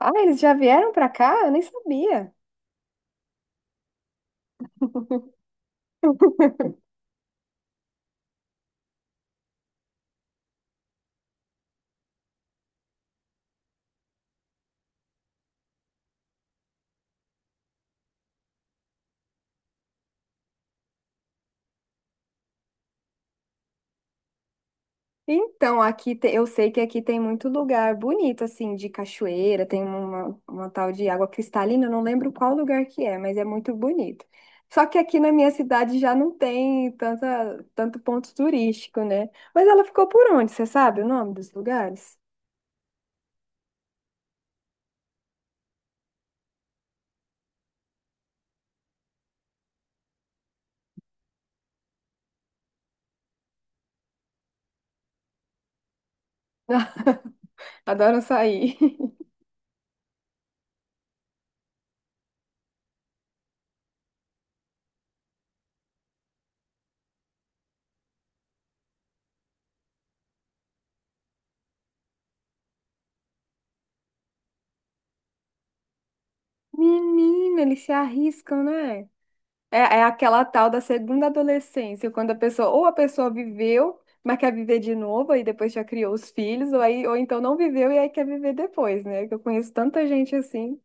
Ah, eles já vieram pra cá? Eu nem sabia. Então, eu sei que aqui tem muito lugar bonito, assim, de cachoeira, tem uma tal de água cristalina, eu não lembro qual lugar que é, mas é muito bonito. Só que aqui na minha cidade já não tem tanto ponto turístico, né? Mas ela ficou por onde? Você sabe o nome dos lugares? Adoram sair. Menina, eles se arriscam, né? É, é aquela tal da segunda adolescência, quando a pessoa, ou a pessoa viveu, mas quer viver de novo, e depois já criou os filhos, ou, aí, ou então não viveu e aí quer viver depois, né? Que eu conheço tanta gente assim.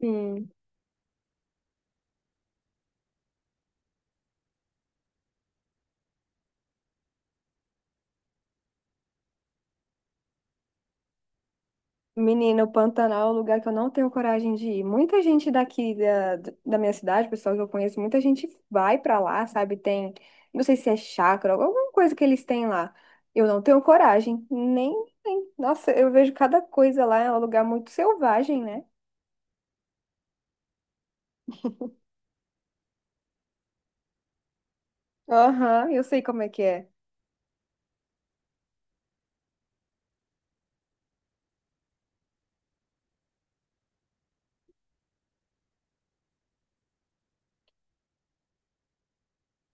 Hum. Menina, o Pantanal é um lugar que eu não tenho coragem de ir. Muita gente da minha cidade, pessoal que eu conheço, muita gente vai pra lá, sabe? Tem, não sei se é chácara, alguma coisa que eles têm lá. Eu não tenho coragem, nem. Nossa, eu vejo cada coisa lá, é um lugar muito selvagem, né? Aham, eu sei como é que é.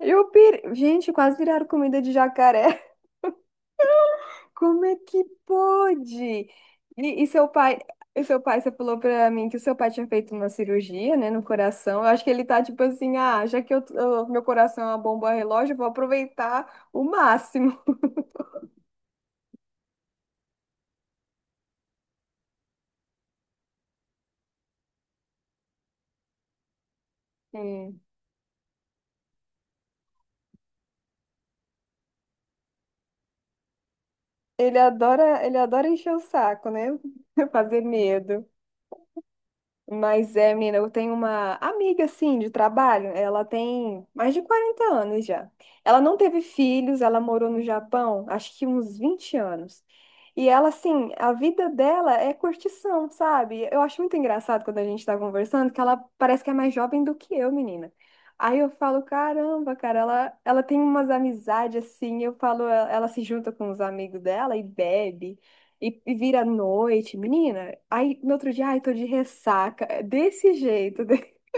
Eu pir... Gente, quase viraram comida de jacaré. Como é que pode? E, e seu pai, e seu pai, você falou pra mim que o seu pai tinha feito uma cirurgia, né, no coração. Eu acho que ele tá tipo assim, ah, já que meu coração é uma bomba relógio, eu vou aproveitar o máximo. Hum. Ele adora encher o saco, né? Fazer medo. Mas é, menina, eu tenho uma amiga, assim, de trabalho. Ela tem mais de 40 anos já. Ela não teve filhos, ela morou no Japão, acho que uns 20 anos. E ela, assim, a vida dela é curtição, sabe? Eu acho muito engraçado quando a gente tá conversando que ela parece que é mais jovem do que eu, menina. Aí eu falo, caramba, cara, ela tem umas amizades assim. Eu falo, ela se junta com os amigos dela e bebe. E vira à noite, menina. Aí no outro dia, ai, tô de ressaca. É desse jeito.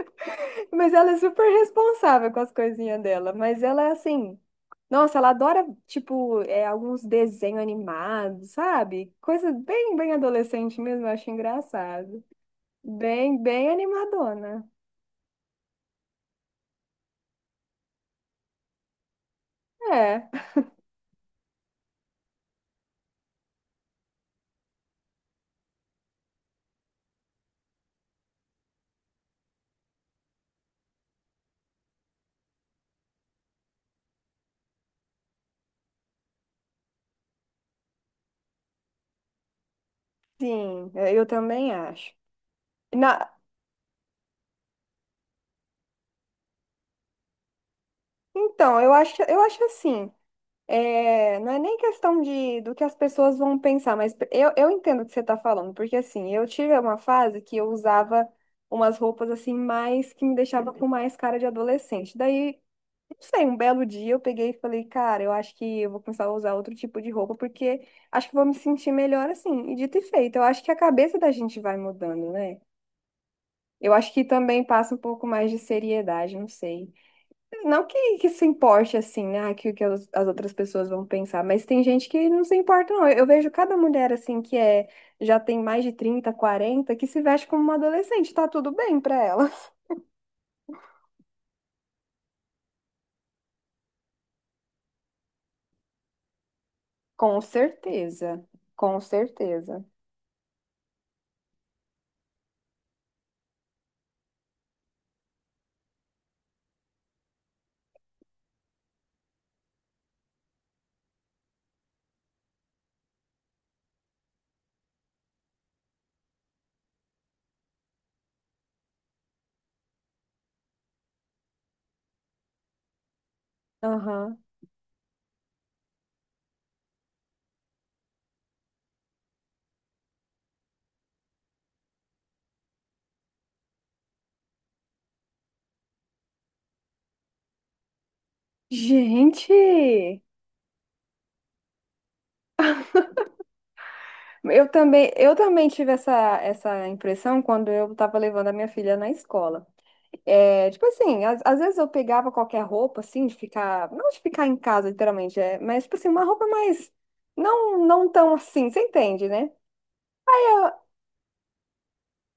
Mas ela é super responsável com as coisinhas dela. Mas ela é assim. Nossa, ela adora, tipo, é, alguns desenhos animados, sabe? Coisa bem adolescente mesmo, eu acho engraçado. Bem animadona. É, sim, é, eu também acho. Na... Então, eu acho assim. É, não é nem questão de, do que as pessoas vão pensar, mas eu entendo o que você está falando, porque assim, eu tive uma fase que eu usava umas roupas assim, mais que me deixava com mais cara de adolescente. Daí, não sei, um belo dia eu peguei e falei, cara, eu acho que eu vou começar a usar outro tipo de roupa, porque acho que vou me sentir melhor assim. E dito e feito, eu acho que a cabeça da gente vai mudando, né? Eu acho que também passa um pouco mais de seriedade, não sei. Não que se importe assim, né? Que o que as outras pessoas vão pensar, mas tem gente que não se importa, não. Eu vejo cada mulher assim que é já tem mais de 30, 40 que se veste como uma adolescente, tá tudo bem pra ela. Com certeza, com certeza. Aham. Gente, eu também tive essa impressão quando eu tava levando a minha filha na escola. É, tipo assim, às vezes eu pegava qualquer roupa, assim, de ficar, não de ficar em casa, literalmente, é, mas, tipo assim, uma roupa mais, não tão assim, você entende, né?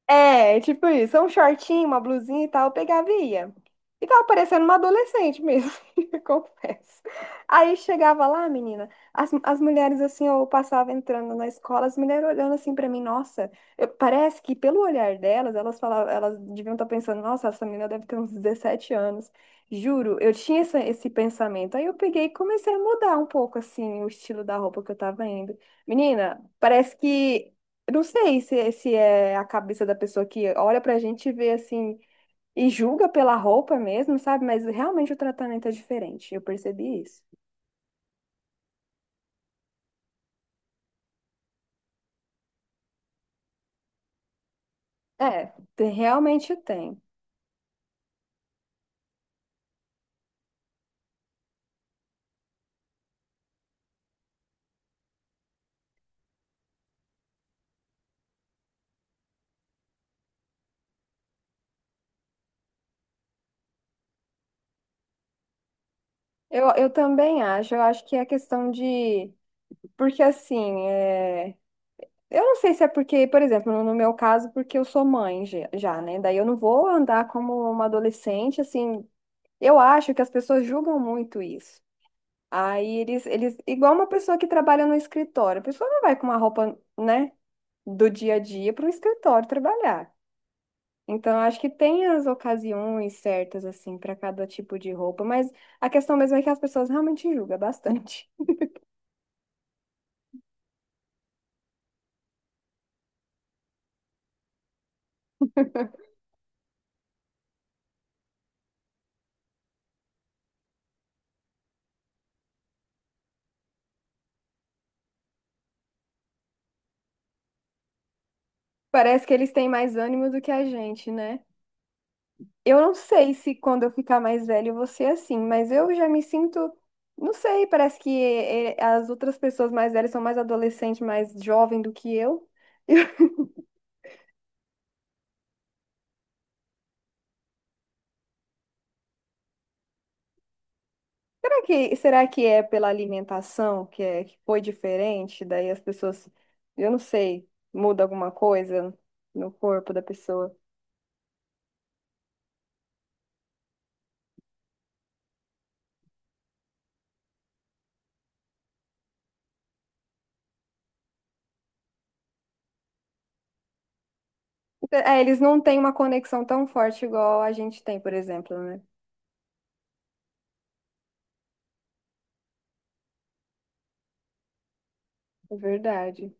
É, tipo isso, um shortinho, uma blusinha e tal, eu pegava e ia. E tava parecendo uma adolescente mesmo, confesso. Aí chegava lá, menina, as mulheres assim, eu passava entrando na escola, as mulheres olhando assim pra mim, nossa, parece que pelo olhar delas, elas falavam, elas deviam estar pensando, nossa, essa menina deve ter uns 17 anos. Juro, eu tinha esse pensamento. Aí eu peguei e comecei a mudar um pouco assim o estilo da roupa que eu tava indo. Menina, parece que eu não sei se é a cabeça da pessoa que olha pra gente e vê assim e julga pela roupa mesmo, sabe? Mas realmente o tratamento é diferente. Eu percebi isso. É, realmente tem. Eu também acho. Eu acho que é questão de. Porque assim, é... eu não sei se é porque, por exemplo, no meu caso, porque eu sou mãe já, já, né? Daí eu não vou andar como uma adolescente, assim. Eu acho que as pessoas julgam muito isso. Aí eles, igual uma pessoa que trabalha no escritório, a pessoa não vai com uma roupa, né, do dia a dia para o escritório trabalhar. Então, eu acho que tem as ocasiões certas, assim, para cada tipo de roupa, mas a questão mesmo é que as pessoas realmente julgam bastante. Parece que eles têm mais ânimo do que a gente, né? Eu não sei se quando eu ficar mais velho eu vou ser assim, mas eu já me sinto, não sei, parece que as outras pessoas mais velhas são mais adolescentes, mais jovem do que eu. Será que é pela alimentação que, é, que foi diferente? Daí as pessoas, eu não sei, muda alguma coisa no corpo da pessoa. É, eles não têm uma conexão tão forte igual a gente tem, por exemplo, né? É verdade.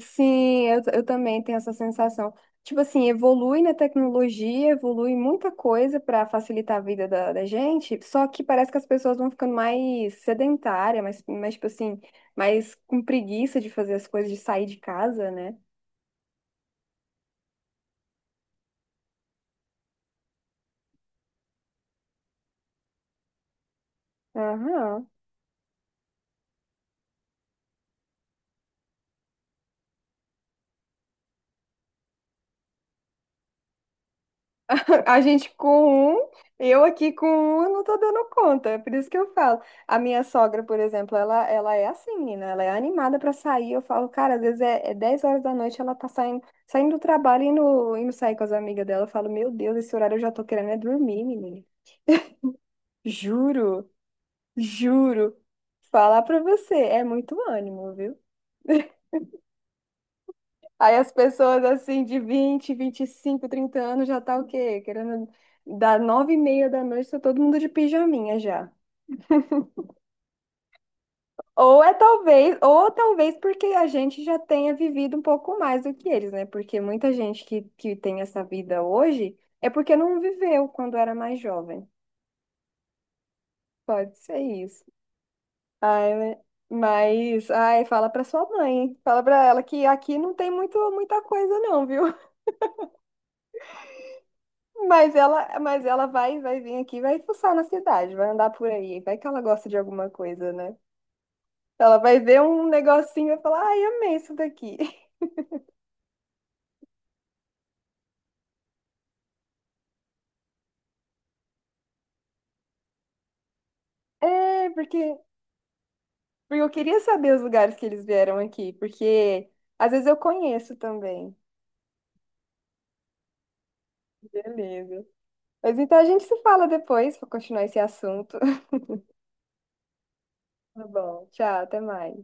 Sim, eu também tenho essa sensação. Tipo assim, evolui na tecnologia, evolui muita coisa para facilitar a vida da gente, só que parece que as pessoas vão ficando mais sedentárias, tipo assim, mais com preguiça de fazer as coisas, de sair de casa, né? Aham. A gente com um, eu aqui com um, eu não tô dando conta. É por isso que eu falo. A minha sogra, por exemplo, ela é assim, menina. Ela é animada pra sair. Eu falo, cara, às vezes é 10 horas da noite, ela tá saindo, saindo do trabalho e indo sair com as amigas dela. Eu falo, meu Deus, esse horário eu já tô querendo é dormir, menina. Juro, juro. Falar pra você, é muito ânimo, viu? Aí as pessoas assim de 20, 25, 30 anos já tá o quê? Querendo dar 9:30 da noite, tá todo mundo de pijaminha já. Ou é talvez, ou talvez porque a gente já tenha vivido um pouco mais do que eles, né? Porque muita gente que tem essa vida hoje é porque não viveu quando era mais jovem. Pode ser isso. Ai, né? Mas, ai, fala pra sua mãe, hein? Fala pra ela que aqui não tem muita coisa não, viu? Mas ela vai, vai vir aqui, vai fuçar na cidade, vai andar por aí, vai que ela gosta de alguma coisa, né? Ela vai ver um negocinho e vai falar, ai, amei isso daqui. É, porque Porque eu queria saber os lugares que eles vieram aqui, porque às vezes eu conheço também. Beleza. Mas então a gente se fala depois para continuar esse assunto. Tá bom. Tchau, até mais.